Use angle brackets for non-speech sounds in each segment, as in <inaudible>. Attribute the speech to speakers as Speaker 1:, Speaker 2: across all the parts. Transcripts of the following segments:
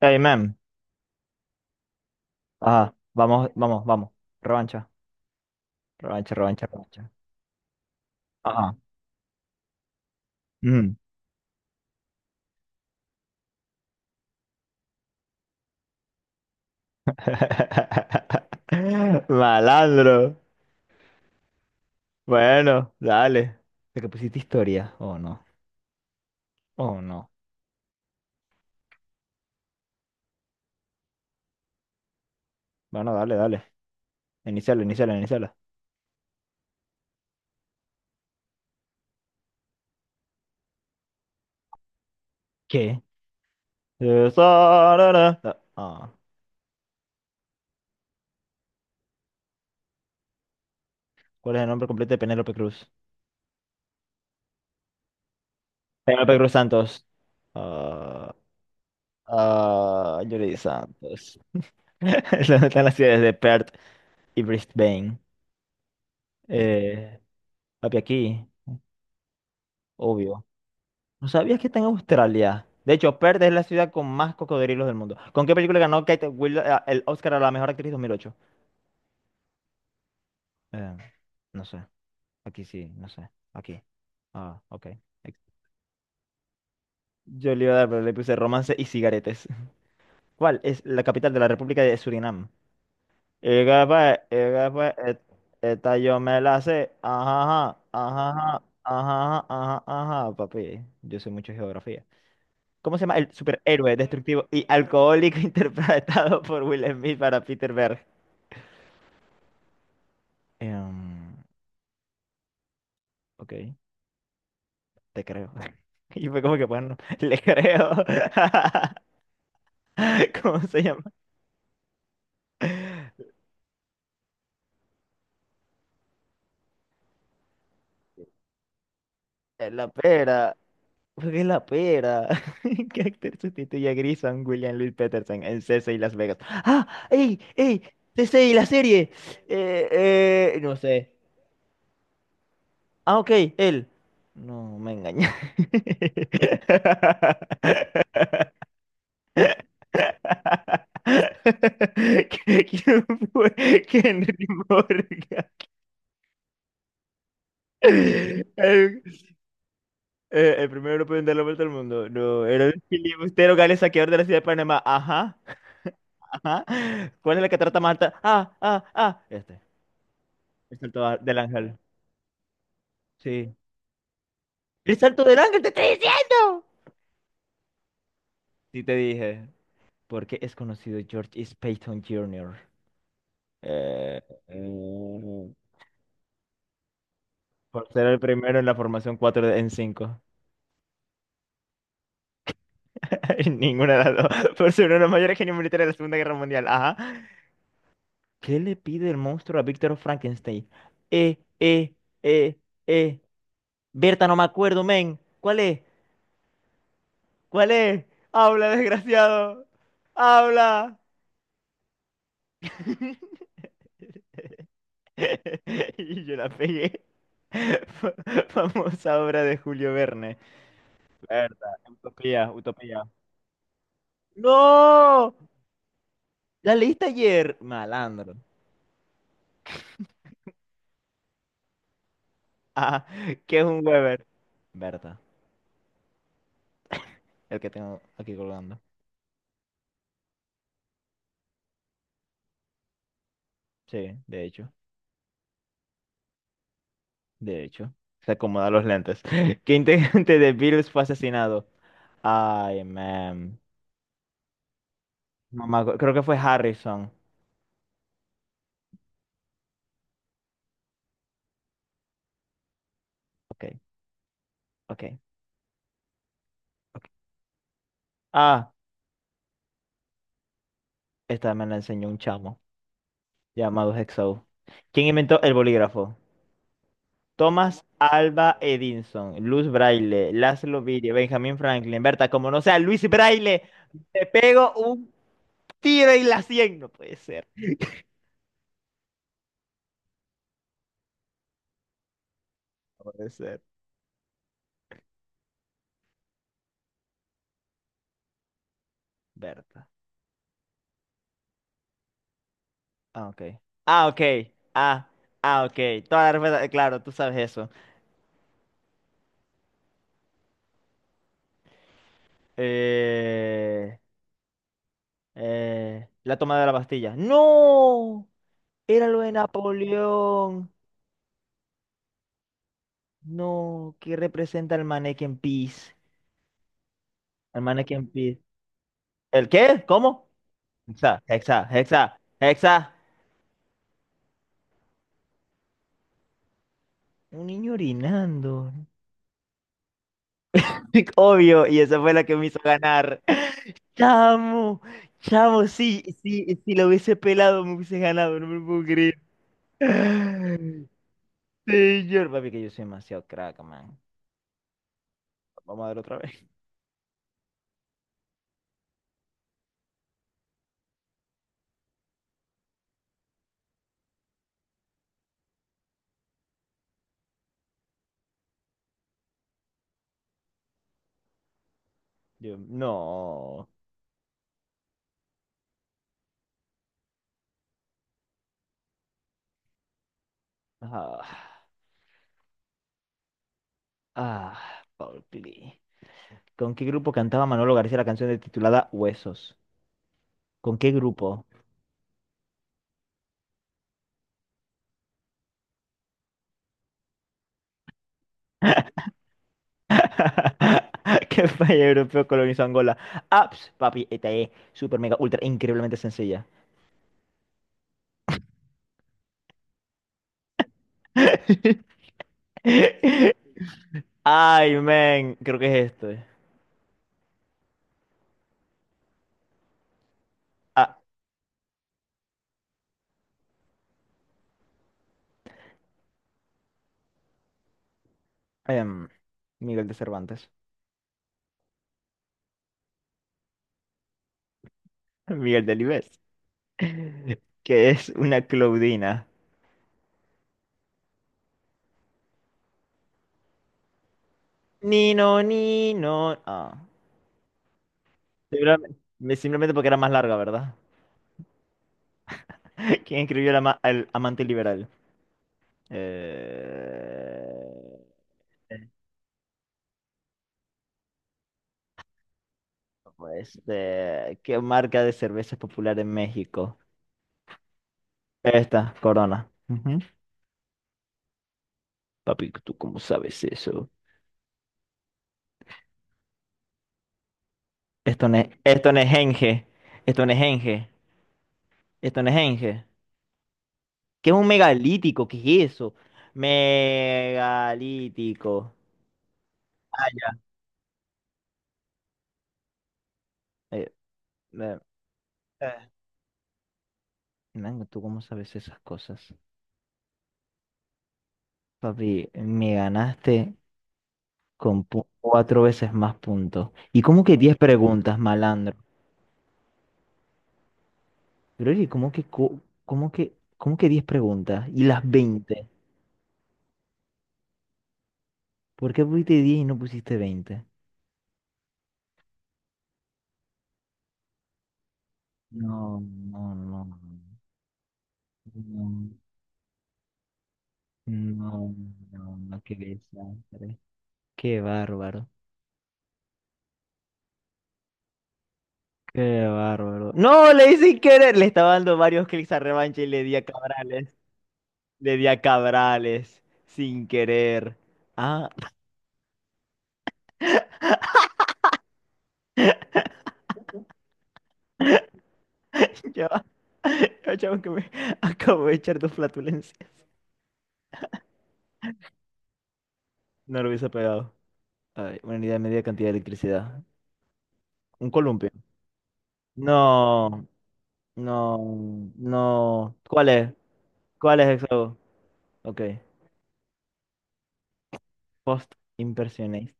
Speaker 1: Hey, man. Ajá. Vamos, vamos, vamos. Revancha. Revancha, revancha, revancha. Ajá. Mm. <laughs> Malandro. Bueno, dale. ¿De que pusiste historia? Oh, no. Oh, no. Bueno, dale, dale. Iniciala, iniciala, iniciala. ¿Qué? Sarara. Ah. ¿Cuál es el nombre completo de Penélope Cruz? Penélope Cruz Santos. Ah, Yuri Santos. <laughs> ¿Dónde están las ciudades de Perth y Brisbane? Eh, Papi, aquí, obvio. ¿No sabías que está en Australia? De hecho, Perth es la ciudad con más cocodrilos del mundo. ¿Con qué película ganó Kate Winslet el Oscar a la mejor actriz 2008? Eh, no sé. Aquí sí, no sé. Aquí. Ah, ok. Ex- Yo le iba a dar, pero le puse romance y cigaretes. <laughs> ¿Cuál es la capital de la República de Surinam? Ega pues, et- esta yo me la sé. Ajá, ajá, ajá, ajá, ajá, ajá, ajá, papi. Yo sé mucho de geografía. ¿Cómo se llama? El superhéroe destructivo y alcohólico <laughs> interpretado por Will Smith para Peter Berg. Em, ok, te creo. <laughs> Y fue como que, bueno, le creo. <laughs> ¿Cómo se llama? La pera. ¿Por qué la pera? <laughs> ¿Qué actor sustituye a Grison William Louis Peterson en CC y Las Vegas? ¡Ah! ¡Ey! ¡Ey! CC y la serie. Eh, no sé. Ah, ok, él. No, me engañé. <laughs> <laughs> ¿Qué- ¿Quién fue Henry Morgan? El, eh, el primer europeo en dar la vuelta al mundo. No, era el filibustero gales saqueador de la ciudad de Panamá. Ajá, ajá. ¿Cuál es la catarata más alta? Ah, ah, ah. Este. El salto a- del ángel. Sí. ¡El salto del ángel! ¡Te estoy diciendo! Sí, te dije. ¿Porque es conocido George S. Payton Jr.? Eh, eh, por ser el primero en la formación 4 en cinco. <laughs> Ninguna de las dos. <laughs> Por ser uno de los mayores genios militares de la Segunda Guerra Mundial. Ajá. ¿Qué le pide el monstruo a Víctor Frankenstein? Eh, eh, eh, eh. Berta, no me acuerdo, men. ¿Cuál es? ¿Cuál es? Habla, desgraciado. Habla. <laughs> Y yo la pegué. <laughs> Fa- Famosa obra de Julio Verne. Berta, Utopía, Utopía. ¡No! ¿La leíste ayer? Malandro. Ah, ¿qué es un Weber? Berta. El que tengo aquí colgando. Sí, de hecho, de hecho. Se acomoda los lentes. <laughs> ¿Qué integrante de Beatles fue asesinado? Ay, man. Mamá, creo que fue Harrison. Ok, ok, ok. Ah, esta me la enseñó un chamo llamado Hexo. ¿Quién inventó el bolígrafo? Thomas Alba Edison, Luz Braille, Laszlo Birria, Benjamin Franklin, Berta, como no sea Luis Braille, te pego un tiro y la cien. No puede ser, no puede ser, Berta. Ah, ok. Ah, ok. Ah, ah, ok. Toda la respuesta, claro, tú sabes eso. Eh, la toma de la Bastilla. ¡No! Era lo de Napoleón. No, ¿qué representa el Mannequin Peace? El Mannequin Peace. ¿El qué? ¿Cómo? Hexa, hexa, hexa, hexa. Un niño orinando. <laughs> Obvio, y esa fue la que me hizo ganar. Chamo, chamo, sí, sí, si lo hubiese pelado me hubiese ganado, no me lo puedo creer. <laughs> Señor, papi, que yo soy demasiado crack, man. Vamos a ver otra vez. <laughs> Yo, no. Ah, ah, Paul Klee. ¿Con qué grupo cantaba Manolo García la canción de- titulada Huesos? ¿Con qué grupo? <laughs> ¿Qué país europeo colonizó Angola? Aps, papi, esta es super mega ultra increíblemente sencilla. <laughs> Ay, men, creo que es esto. Ah, em, Miguel de Cervantes. <laughs> Miguel de Delibes. <laughs> que es una Claudina. Nino, Nino. Ah, simplemente, simplemente porque era más larga, ¿verdad? <laughs> ¿Quién escribió el, ama- el amante liberal? Eh, pues, de- ¿qué marca de cerveza es popular en México? Esta, Corona. Ujú. Papi, ¿tú cómo sabes eso? Esto no es Genge. Esto no es Genge. Esto no es Genge. ¿Qué es un megalítico? ¿Qué es eso? Megalítico. Eh, eh, Eh, Mango, ¿tú cómo sabes esas cosas? Papi, me ganaste con pu- cuatro veces más puntos. ¿Y cómo que diez preguntas, malandro? Pero oye, ¿cómo que, co- cómo que diez preguntas? ¿Y las veinte? ¿Por qué pusiste diez y no pusiste veinte? No, no, no, no, no, no, no, qué desastre. Qué bárbaro. Qué bárbaro. No, le hice sin querer. Le estaba dando varios clics a revancha y le di a Cabrales. Le di a Cabrales. Sin querer. Ah, <laughs> ya va. Chavo, que me acabo de echar dos flatulencias. No lo hubiese pegado. Ay, una unidad de media cantidad de electricidad. Un columpio. No, no, no. ¿Cuál es? ¿Cuál es eso? Ok. Post-impresionista.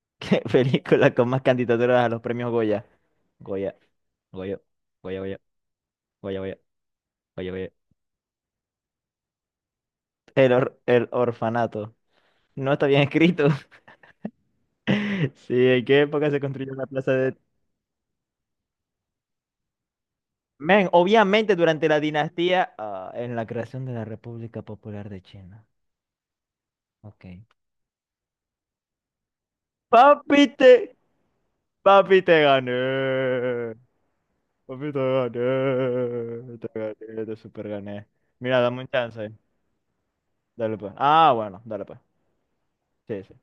Speaker 1: <laughs> ¿Qué película con más candidaturas a los premios Goya? Goya, Goya, Goya, Goya, Goya, Goya, Goya, Goya. El, or- el orfanato. No está bien escrito. <laughs> Sí, ¿en qué época se construyó la plaza de... Men, obviamente durante la dinastía, ah, en la creación de la República Popular de China. Ok. Papi te, papi te gané. Papi te gané. Te gané, te super gané. Mira, dame un chance. Dale pues. Ah, bueno, dale pues. Sí, sí.